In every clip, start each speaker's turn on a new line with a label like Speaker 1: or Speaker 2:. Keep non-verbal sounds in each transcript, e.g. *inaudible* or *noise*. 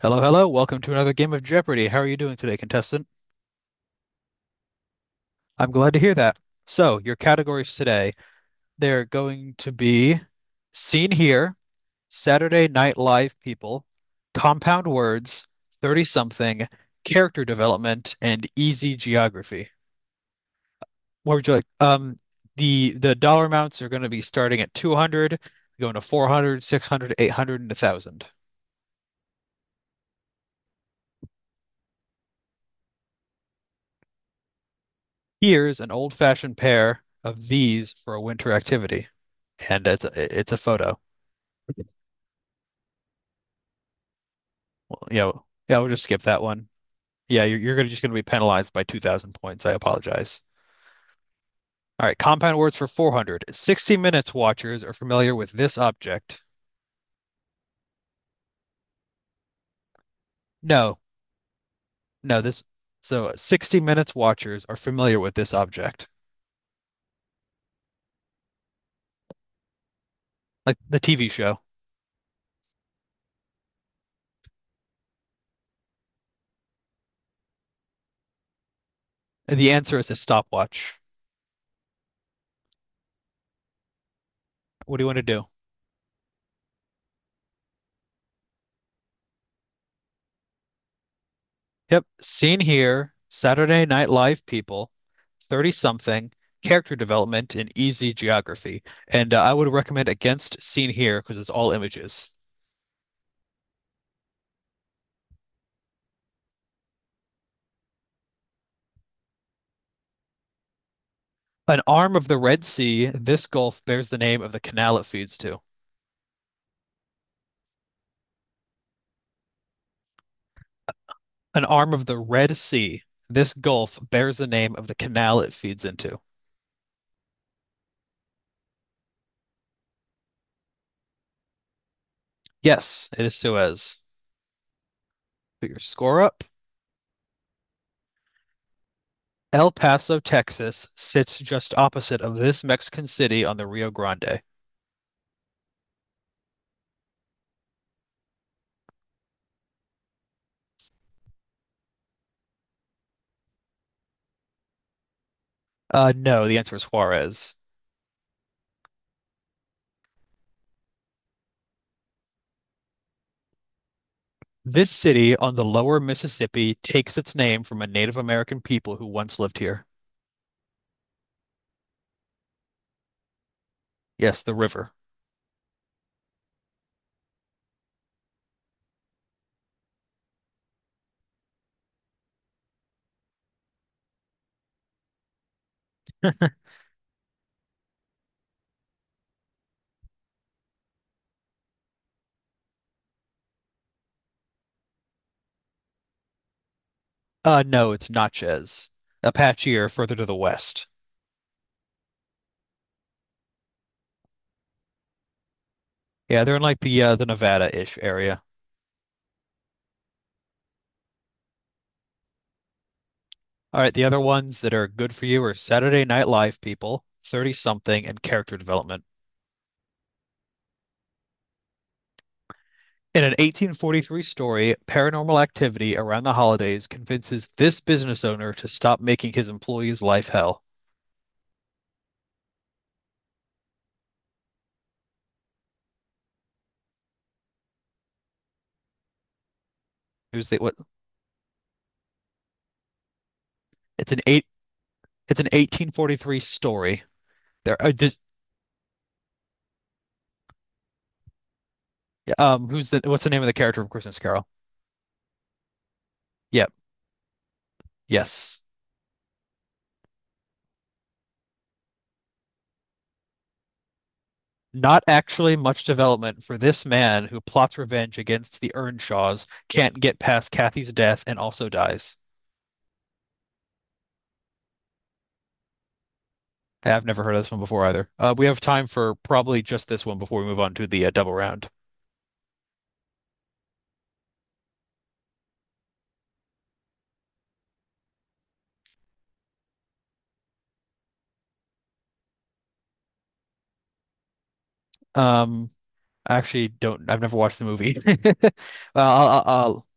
Speaker 1: Hello, hello. Welcome to another game of Jeopardy. How are you doing today, contestant? I'm glad to hear that. So, your categories today, they're going to be Seen Here, Saturday Night Live People, Compound Words, 30 something, Character Development, and Easy Geography. What would you like? The dollar amounts are going to be starting at 200, going to 400, 600, 800, and 1,000. Here's an old-fashioned pair of these for a winter activity. And it's a photo. Yeah, we'll just skip that one. Yeah, you're just going to be penalized by 2,000 points. I apologize. All right, compound words for 400. 60 Minutes watchers are familiar with this object. No, no, this. So 60 Minutes watchers are familiar with this object, like the TV show. And the answer is a stopwatch. What do you want to do? Yep, seen here, Saturday Night Live people 30 something, character development, and easy geography. And I would recommend Against Seen Here because it's all images. An arm of the Red Sea, this gulf bears the name of the canal it feeds to. An arm of the Red Sea, this gulf bears the name of the canal it feeds into. Yes, it is Suez. Put your score up. El Paso, Texas sits just opposite of this Mexican city on the Rio Grande. No, the answer is Juarez. This city on the lower Mississippi takes its name from a Native American people who once lived here. Yes, the river. No, it's Natchez. Apache are further to the west. Yeah, they're in like the Nevada-ish area. All right, the other ones that are good for you are Saturday Night Live people, 30 something, and character development. In an 1843-story, paranormal activity around the holidays convinces this business owner to stop making his employees' life hell. It was the, what? It's an eight. It's an 1843 story. There, did, who's the what's the name of the character from Christmas Carol? Yep, yes. Not actually much development for this man who plots revenge against the Earnshaws, can't get past Kathy's death, and also dies. Hey, I've never heard of this one before either. We have time for probably just this one before we move on to the double round. Um, I actually don't. I've never watched the movie. *laughs* Well,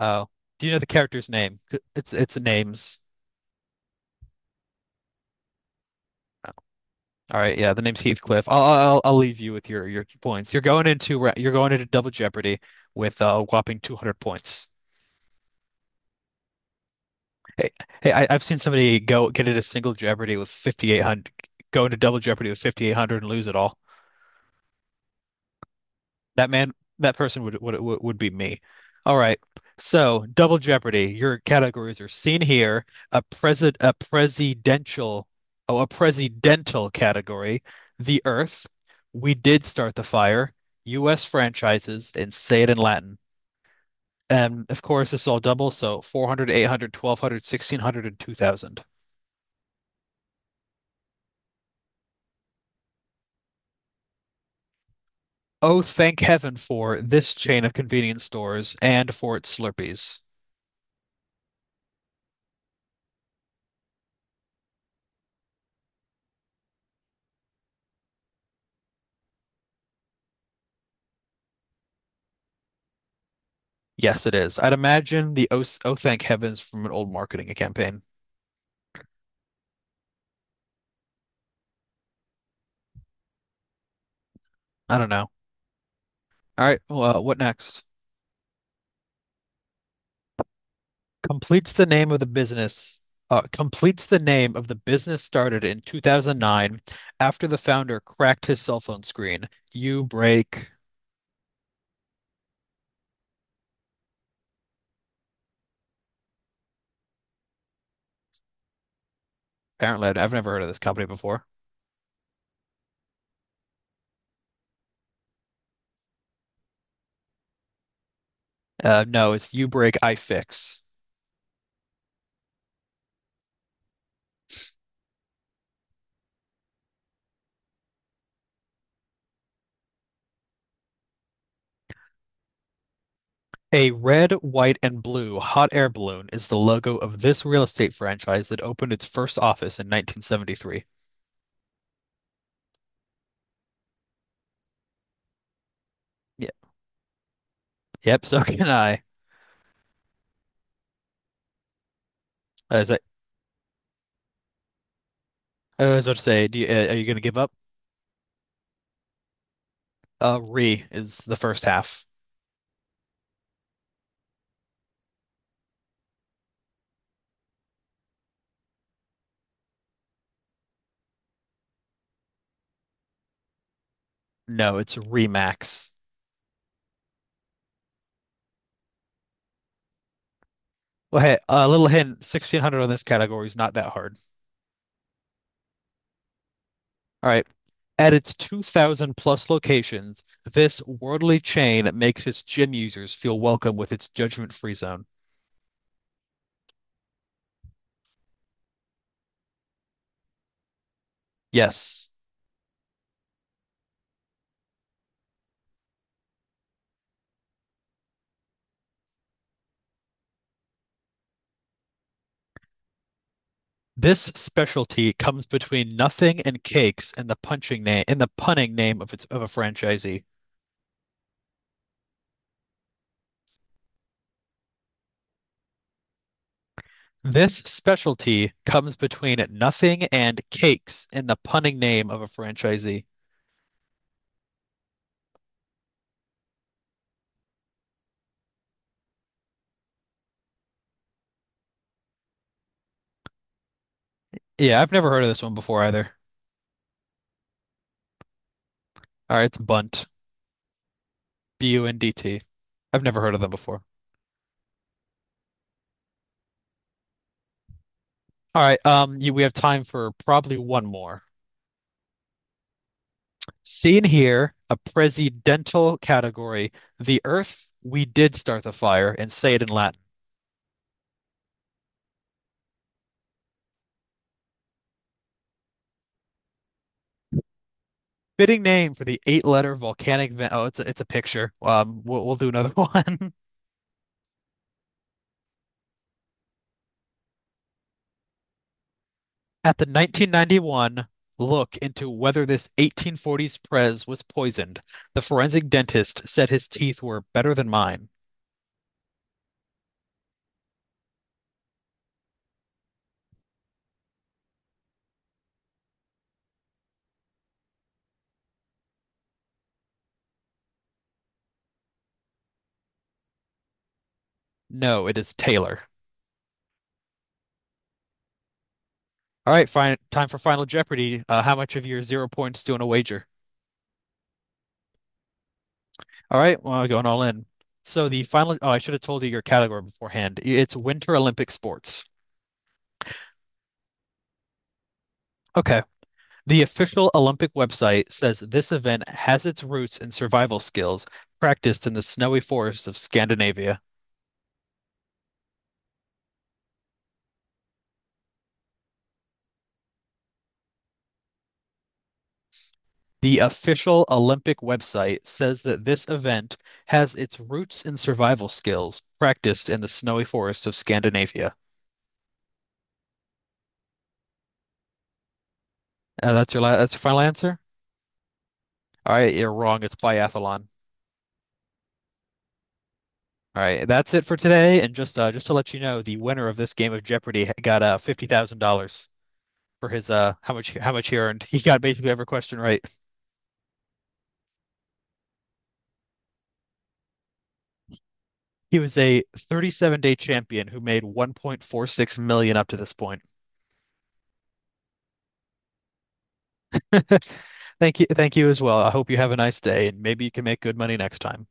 Speaker 1: oh, do you know the character's name? It's names. All right, yeah, the name's Heathcliff. I'll leave you with your points. You're going into Double Jeopardy with a whopping 200 points. Hey, hey, I've seen somebody go get into single Jeopardy with 5,800, go into Double Jeopardy with 5,800 and lose it all. That man, that person would be me. All right. So, Double Jeopardy. Your categories are seen here. A president, a presidential, oh, a presidential category. The Earth. We did start the fire. U.S. franchises and say it in Latin. And of course, it's all double, so 400, 800, 1,200, 1,600, and 2,000. Oh, thank heaven for this chain of convenience stores and for its Slurpees. Yes, it is. I'd imagine the oh thank heavens from an old marketing campaign. I don't know. All right, well, what next? Completes the name of the business. Completes the name of the business started in 2009 after the founder cracked his cell phone screen. You break. Apparently, I have never heard of this company before. No, it's You Break, I Fix. A red, white, and blue hot air balloon is the logo of this real estate franchise that opened its first office in 1973. Yep, yep, so can I. Is that I was about to say, are you going to give up? Re is the first half. No, it's Remax. Well, hey, a little hint, 1600 on this category is not that hard. All right. At its 2,000 plus locations, this worldly chain makes its gym users feel welcome with its judgment-free zone. Yes. This specialty comes between nothing and cakes in the punning name of a franchisee. This specialty comes between nothing and cakes in the punning name of a franchisee. Yeah, I've never heard of this one before either. All right, it's Bunt. Bundt. I've never heard of them before. All right, we have time for probably one more. Seen here, a presidential category, the earth we did start the fire, and say it in Latin. Fitting name for the eight-letter volcanic vent. Oh, it's a picture. We'll do another one. *laughs* At the 1991 look into whether this 1840s Prez was poisoned, the forensic dentist said his teeth were better than mine. No, it is Taylor. All right, fine. Time for Final Jeopardy. How much of your 0 points do you want to wager? All right, well, going all in. I should have told you your category beforehand. It's Winter Olympic sports. Okay. The official Olympic website says this event has its roots in survival skills practiced in the snowy forests of Scandinavia. The official Olympic website says that this event has its roots in survival skills practiced in the snowy forests of Scandinavia. That's your final answer? All right, you're wrong. It's biathlon. All right, that's it for today. And just just to let you know, the winner of this game of Jeopardy got $50,000 for his how much he earned. He got basically every question right. He was a 37-day champion who made 1.46 million up to this point. *laughs* Thank you as well. I hope you have a nice day, and maybe you can make good money next time.